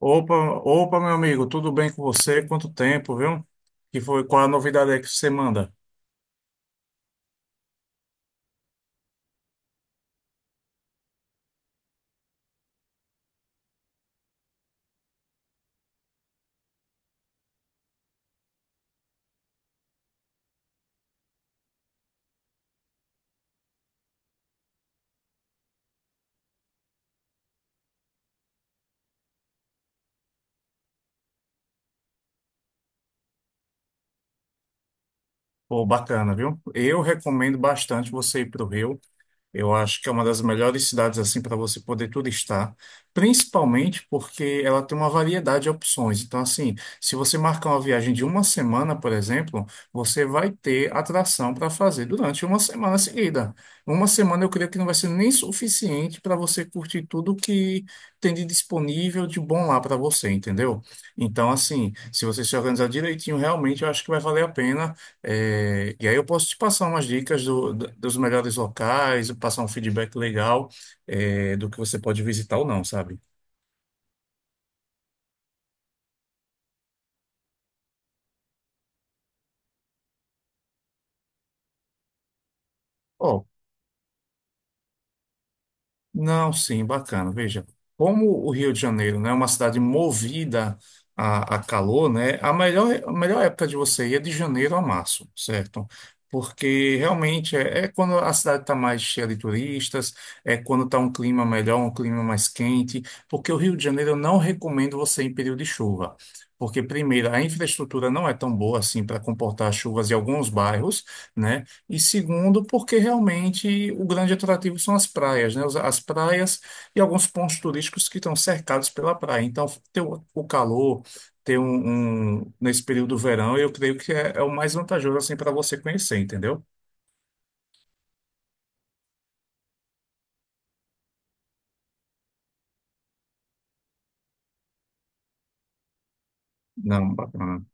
Opa, opa, meu amigo, tudo bem com você? Quanto tempo, viu? Que foi, qual é a novidade aí que você manda? Pô, bacana, viu? Eu recomendo bastante você ir para o Rio. Eu acho que é uma das melhores cidades assim para você poder turistar, principalmente porque ela tem uma variedade de opções. Então, assim, se você marcar uma viagem de uma semana, por exemplo, você vai ter atração para fazer durante uma semana seguida. Uma semana eu creio que não vai ser nem suficiente para você curtir tudo que tem de disponível de bom lá para você, entendeu? Então, assim, se você se organizar direitinho, realmente eu acho que vai valer a pena. E aí eu posso te passar umas dicas dos melhores locais, passar um feedback legal, do que você pode visitar ou não, sabe? Ó, não, sim, bacana. Veja, como o Rio de Janeiro, né, é uma cidade movida a calor, né, a melhor época de você ir é de janeiro a março, certo? Porque realmente é quando a cidade está mais cheia de turistas, é quando está um clima melhor, um clima mais quente, porque o Rio de Janeiro eu não recomendo você ir em período de chuva. Porque, primeiro, a infraestrutura não é tão boa assim para comportar chuvas em alguns bairros, né? E segundo, porque realmente o grande atrativo são as praias, né? As praias e alguns pontos turísticos que estão cercados pela praia. Então, ter o calor, ter nesse período do verão, eu creio que é o mais vantajoso assim para você conhecer, entendeu? Não, bacana.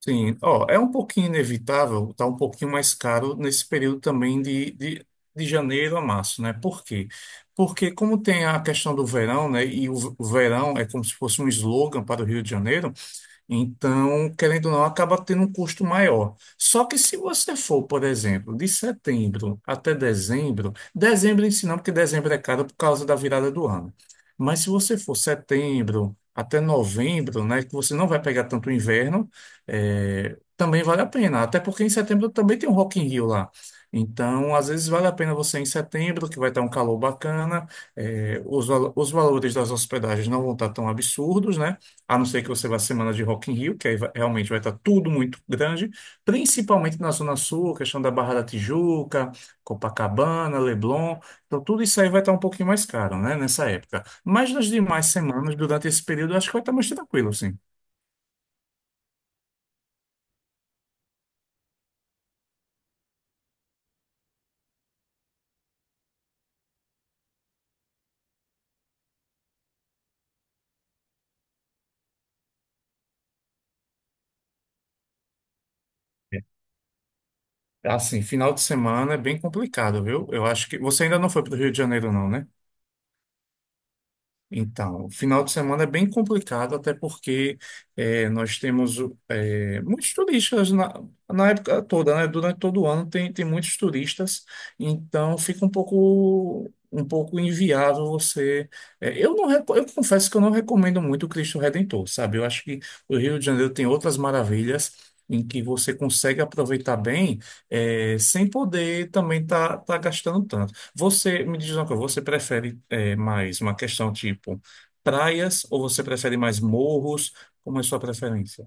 Sim, ó, é um pouquinho inevitável, tá um pouquinho mais caro nesse período também de janeiro a março, né? Por quê? Porque como tem a questão do verão, né? E o o verão é como se fosse um slogan para o Rio de Janeiro. Então, querendo ou não, acaba tendo um custo maior. Só que se você for, por exemplo, de setembro até dezembro, dezembro em si não, porque dezembro é caro por causa da virada do ano. Mas se você for setembro até novembro, né, que você não vai pegar tanto inverno, também vale a pena. Até porque em setembro também tem um Rock in Rio lá. Então, às vezes vale a pena você ir em setembro, que vai estar um calor bacana, os valores das hospedagens não vão estar tão absurdos, né? A não ser que você vá à semana de Rock in Rio, que aí realmente vai estar tudo muito grande, principalmente na Zona Sul, questão da Barra da Tijuca, Copacabana, Leblon. Então, tudo isso aí vai estar um pouquinho mais caro, né, nessa época. Mas nas demais semanas, durante esse período, eu acho que vai estar mais tranquilo, assim. Assim, final de semana é bem complicado, viu? Eu acho que você ainda não foi para o Rio de Janeiro, não, né? Então, o final de semana é bem complicado, até porque nós temos muitos turistas na época toda, né? Durante todo o ano tem muitos turistas, então fica um um pouco inviável você. Eh, eu não, eu confesso que eu não recomendo muito o Cristo Redentor, sabe? Eu acho que o Rio de Janeiro tem outras maravilhas. Em que você consegue aproveitar bem, sem poder também estar tá gastando tanto. Você, me diz uma coisa, você prefere mais uma questão tipo praias ou você prefere mais morros? Como é a sua preferência?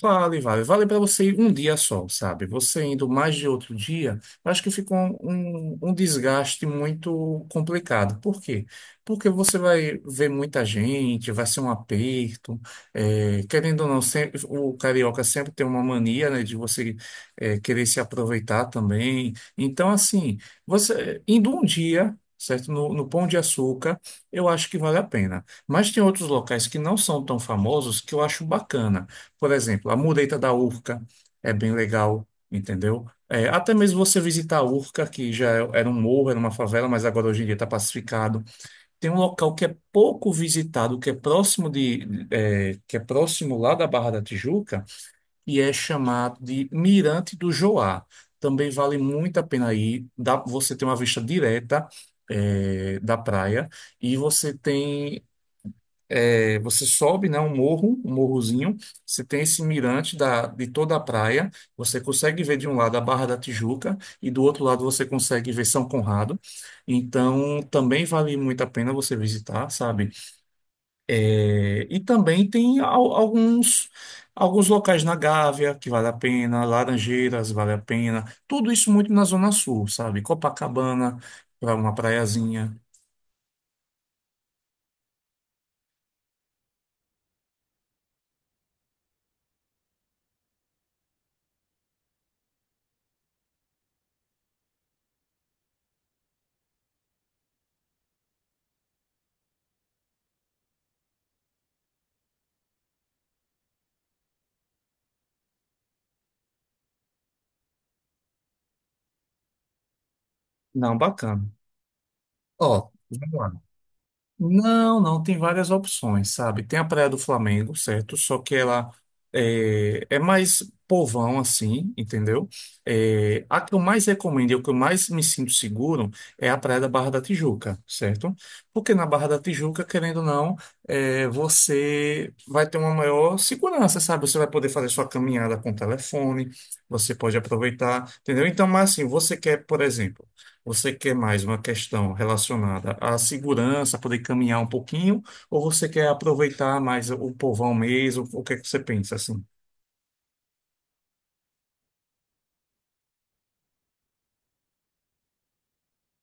Vale, vale. Vale para você ir um dia só, sabe? Você indo mais de outro dia, eu acho que fica um desgaste muito complicado. Por quê? Porque você vai ver muita gente, vai ser um aperto. É, querendo ou não, sempre, o carioca sempre tem uma mania, né, de querer se aproveitar também. Então, assim, você indo um dia. Certo? No Pão de Açúcar, eu acho que vale a pena. Mas tem outros locais que não são tão famosos que eu acho bacana. Por exemplo, a mureta da Urca é bem legal, entendeu? É, até mesmo você visitar a Urca, que já era um morro, era uma favela, mas agora hoje em dia está pacificado. Tem um local que é pouco visitado, que é que é próximo lá da Barra da Tijuca, e é chamado de Mirante do Joá. Também vale muito a pena ir. Dá, você tem uma vista direta, é, da praia e você tem. Você sobe, né, um morro, um morrozinho, você tem esse mirante de toda a praia, você consegue ver de um lado a Barra da Tijuca e do outro lado você consegue ver São Conrado. Então, também vale muito a pena você visitar, sabe? É, e também tem alguns locais na Gávea que vale a pena, Laranjeiras vale a pena, tudo isso muito na Zona Sul, sabe? Copacabana, para uma praiazinha. Não, bacana. Ó, vamos lá. Não, não, tem várias opções, sabe? Tem a Praia do Flamengo, certo? Só que ela é mais povão, assim, entendeu? É, a que eu mais recomendo e a que eu mais me sinto seguro é a Praia da Barra da Tijuca, certo? Porque na Barra da Tijuca, querendo ou não, é, você vai ter uma maior segurança, sabe? Você vai poder fazer sua caminhada com o telefone, você pode aproveitar, entendeu? Então, mas assim, você quer, por exemplo. Você quer mais uma questão relacionada à segurança, poder caminhar um pouquinho, ou você quer aproveitar mais o povão mesmo? O que é que você pensa assim?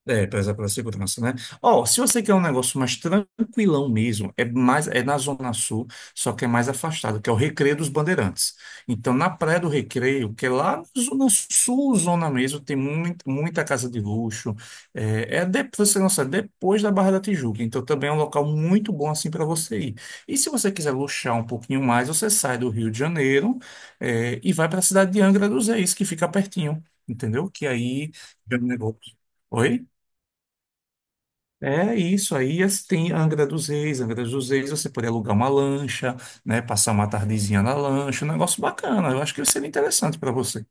É, prezar pela segurança, né? Ó, se você quer um negócio mais tranquilão mesmo, é mais é na Zona Sul, só que é mais afastado, que é o Recreio dos Bandeirantes. Então, na Praia do Recreio, que é lá na Zona Sul, zona mesmo, tem muito muita casa de luxo. Pra você não sabe, depois da Barra da Tijuca. Então, também é um local muito bom assim para você ir. E se você quiser luxar um pouquinho mais, você sai do Rio de Janeiro, é, e vai para a cidade de Angra dos Reis, que fica pertinho, entendeu? Que aí já é um negócio. Oi? É isso aí, tem Angra dos Reis, você pode alugar uma lancha, né, passar uma tardezinha na lancha, um negócio bacana, eu acho que seria interessante para você.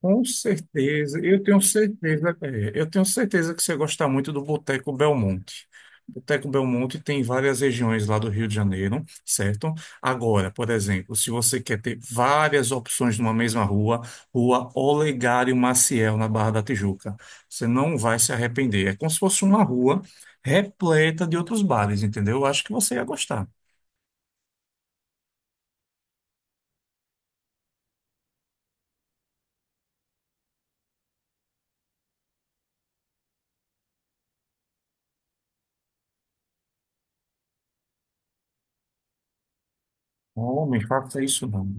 Com certeza, eu tenho certeza, eu tenho certeza que você gosta muito do Boteco Belmonte. Boteco Belmonte tem várias regiões lá do Rio de Janeiro, certo? Agora, por exemplo, se você quer ter várias opções numa mesma rua, Rua Olegário Maciel, na Barra da Tijuca, você não vai se arrepender. É como se fosse uma rua repleta de outros bares, entendeu? Eu acho que você ia gostar. Homem, faça isso não.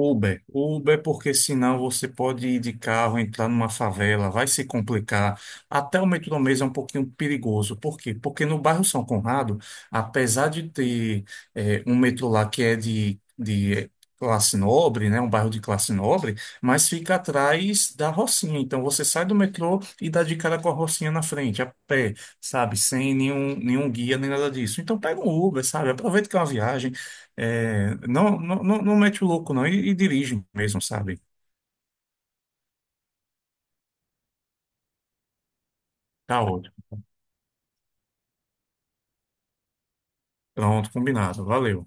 Uber, Uber, porque senão você pode ir de carro, entrar numa favela, vai se complicar. Até o metrô mesmo é um pouquinho perigoso. Por quê? Porque no bairro São Conrado, apesar de ter um metrô lá que é de classe nobre, né, um bairro de classe nobre, mas fica atrás da Rocinha. Então você sai do metrô e dá de cara com a Rocinha na frente, a pé, sabe? Sem nenhum, nenhum guia, nem nada disso. Então pega um Uber, sabe? Aproveita que é uma viagem. É, não, não, não mete o louco, não, e dirige mesmo, sabe? Tá ótimo. Pronto, combinado. Valeu.